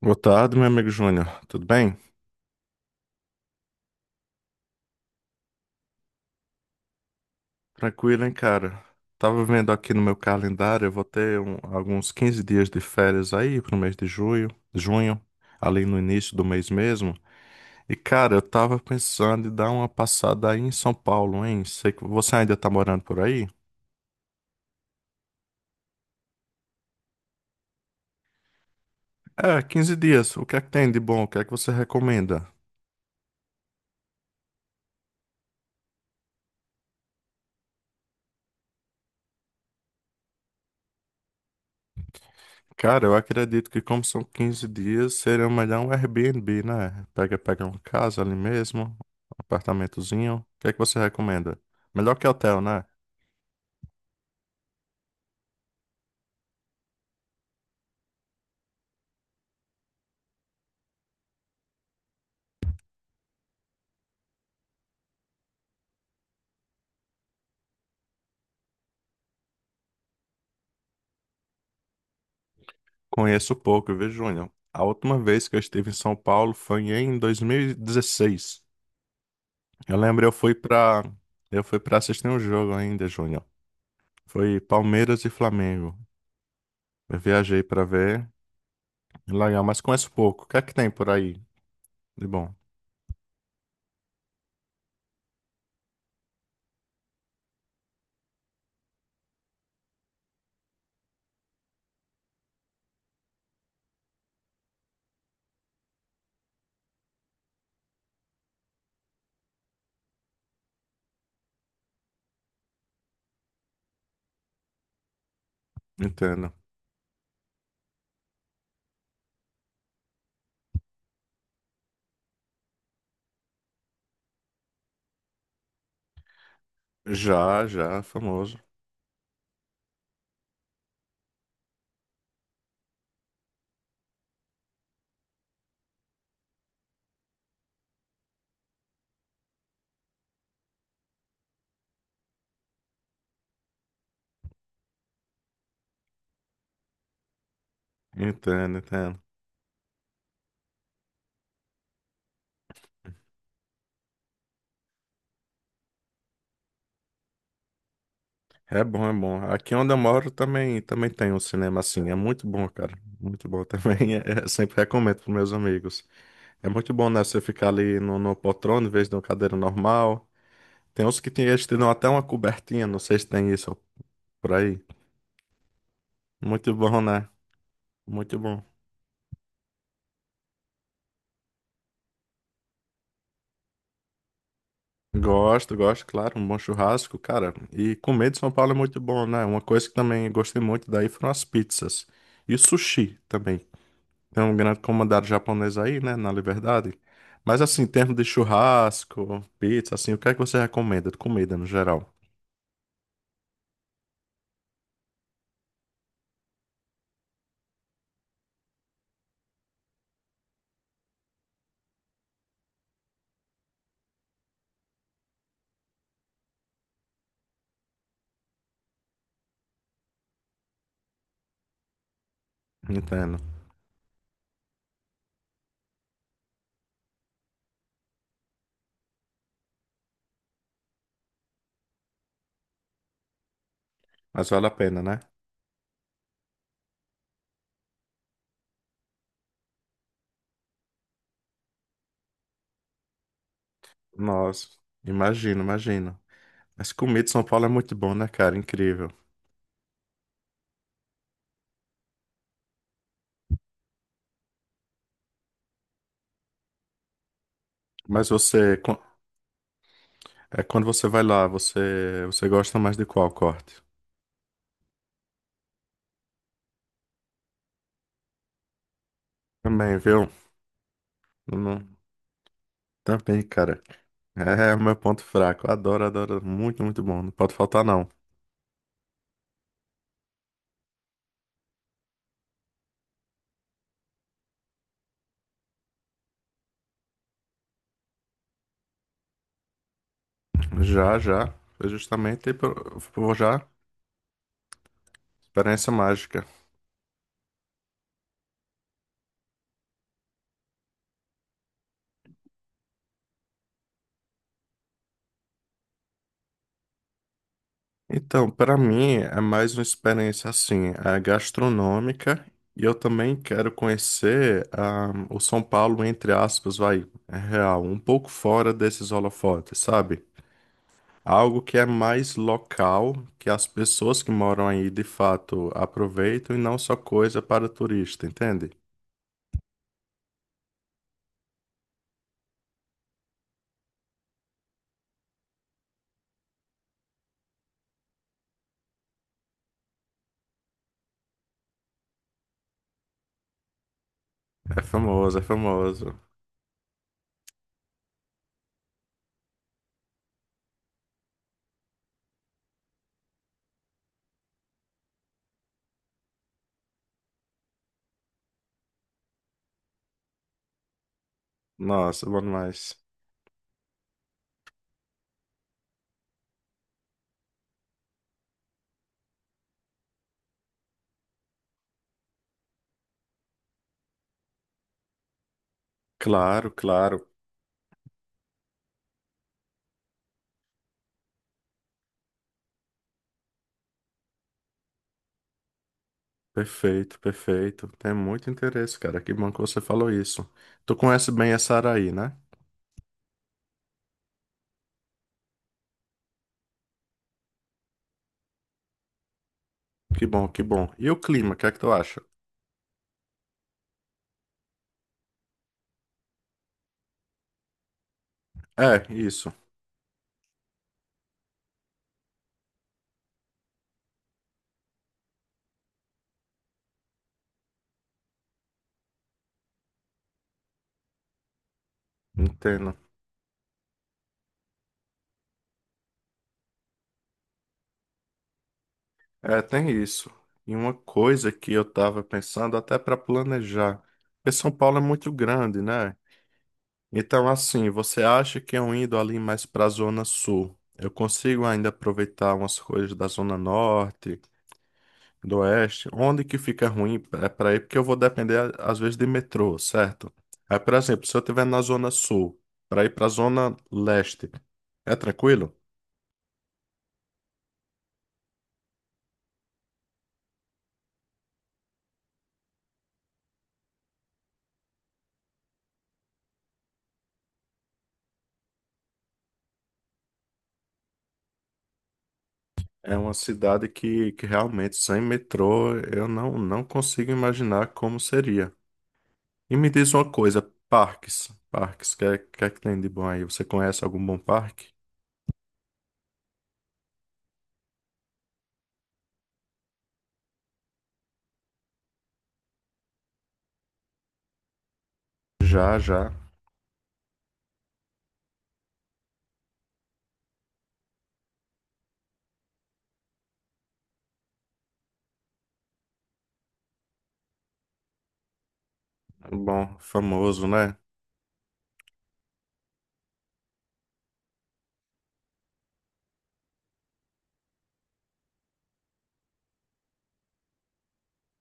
Boa tarde, meu amigo Júnior. Tudo bem? Tranquilo, hein, cara? Tava vendo aqui no meu calendário, eu vou ter alguns 15 dias de férias aí pro mês de junho, ali no início do mês mesmo. E, cara, eu tava pensando em dar uma passada aí em São Paulo, hein? Sei que você ainda tá morando por aí? É, 15 dias. O que é que tem de bom? O que é que você recomenda? Cara, eu acredito que como são 15 dias, seria melhor um Airbnb, né? Pega uma casa ali mesmo, um apartamentozinho. O que é que você recomenda? Melhor que hotel, né? Conheço pouco, viu, Júnior? A última vez que eu estive em São Paulo foi em 2016. Eu lembro, eu fui pra assistir um jogo ainda, Júnior. Foi Palmeiras e Flamengo. Eu viajei pra ver. Legal, mas conheço pouco. O que é que tem por aí? De bom, entendo. Já, já, famoso. Entendo, entendo. É bom, é bom. Aqui onde eu moro também tem um cinema assim. É muito bom, cara. Muito bom também. É, sempre recomendo para meus amigos. É muito bom, né? Você ficar ali no poltrona em vez de uma cadeira normal. Tem uns que tem, eles te dão até uma cobertinha. Não sei se tem isso por aí. Muito bom, né? Muito bom. Gosto, gosto, claro. Um bom churrasco, cara. E comer de São Paulo é muito bom, né? Uma coisa que também gostei muito daí foram as pizzas. E o sushi também. Tem um grande comandante japonês aí, né, na Liberdade. Mas assim, em termos de churrasco, pizza, assim, o que é que você recomenda de comida no geral? Entendo. Mas vale a pena, né? Nossa, imagino, imagino. Mas comida de São Paulo é muito bom, né, cara? Incrível. Mas você, quando você vai lá, você gosta mais de qual corte? Também, viu? Eu não- Também, cara. É o meu ponto fraco. Adoro, adoro. Muito, muito bom. Não pode faltar, não. Já, já. Foi justamente por já. Experiência mágica. Então, para mim é mais uma experiência assim, é gastronômica e eu também quero conhecer ah, o São Paulo, entre aspas, vai, é real, um pouco fora desses holofotes, sabe? Algo que é mais local, que as pessoas que moram aí de fato aproveitam e não só coisa para turista, entende? É famoso, é famoso. Nossa, bom demais. Claro, claro. Perfeito, perfeito. Tem muito interesse, cara. Que bom que você falou isso. Tu conhece bem essa área aí, né? Que bom, que bom. E o clima, o que é que tu acha? É, isso. Entendo. É, tem isso. E uma coisa que eu tava pensando até para planejar, porque São Paulo é muito grande, né? Então, assim, você acha que eu indo ali mais para a Zona Sul, eu consigo ainda aproveitar umas coisas da Zona Norte? Do Oeste, onde que fica ruim é para ir, porque eu vou depender, às vezes, de metrô, certo? Aí, por exemplo, se eu estiver na Zona Sul, para ir para a Zona Leste, é tranquilo? É uma cidade que realmente, sem metrô, eu não consigo imaginar como seria. E me diz uma coisa, parques, parques, o que é que tem de bom aí? Você conhece algum bom parque? Já, já. Bom, famoso, né?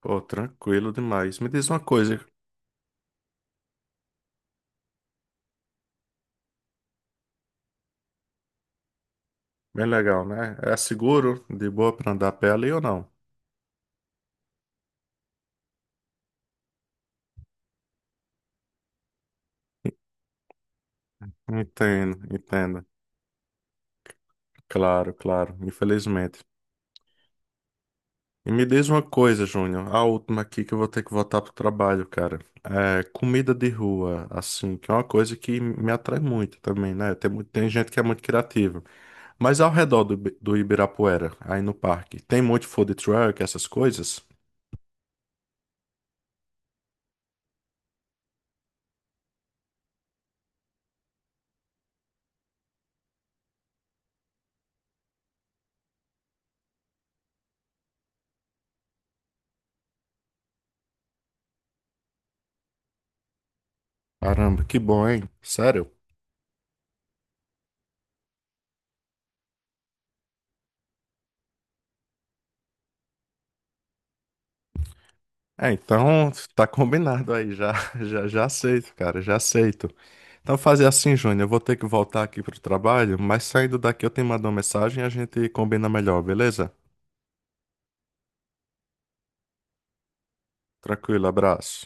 Pô, tranquilo demais. Me diz uma coisa, bem legal, né? É seguro, de boa para andar a pé ali ou não? Entendo, entendo. Claro, claro, infelizmente. E me diz uma coisa, Júnior, a última aqui que eu vou ter que voltar pro trabalho, cara. É comida de rua, assim, que é uma coisa que me atrai muito também, né? Tem gente que é muito criativa. Mas ao redor do, do Ibirapuera, aí no parque, tem muito food truck, essas coisas? Caramba, que bom, hein? Sério? É, então tá combinado aí, já, já, já aceito, cara, já aceito. Então fazer assim, Júnior, eu vou ter que voltar aqui pro trabalho, mas saindo daqui eu te mando uma mensagem e a gente combina melhor, beleza? Tranquilo, abraço.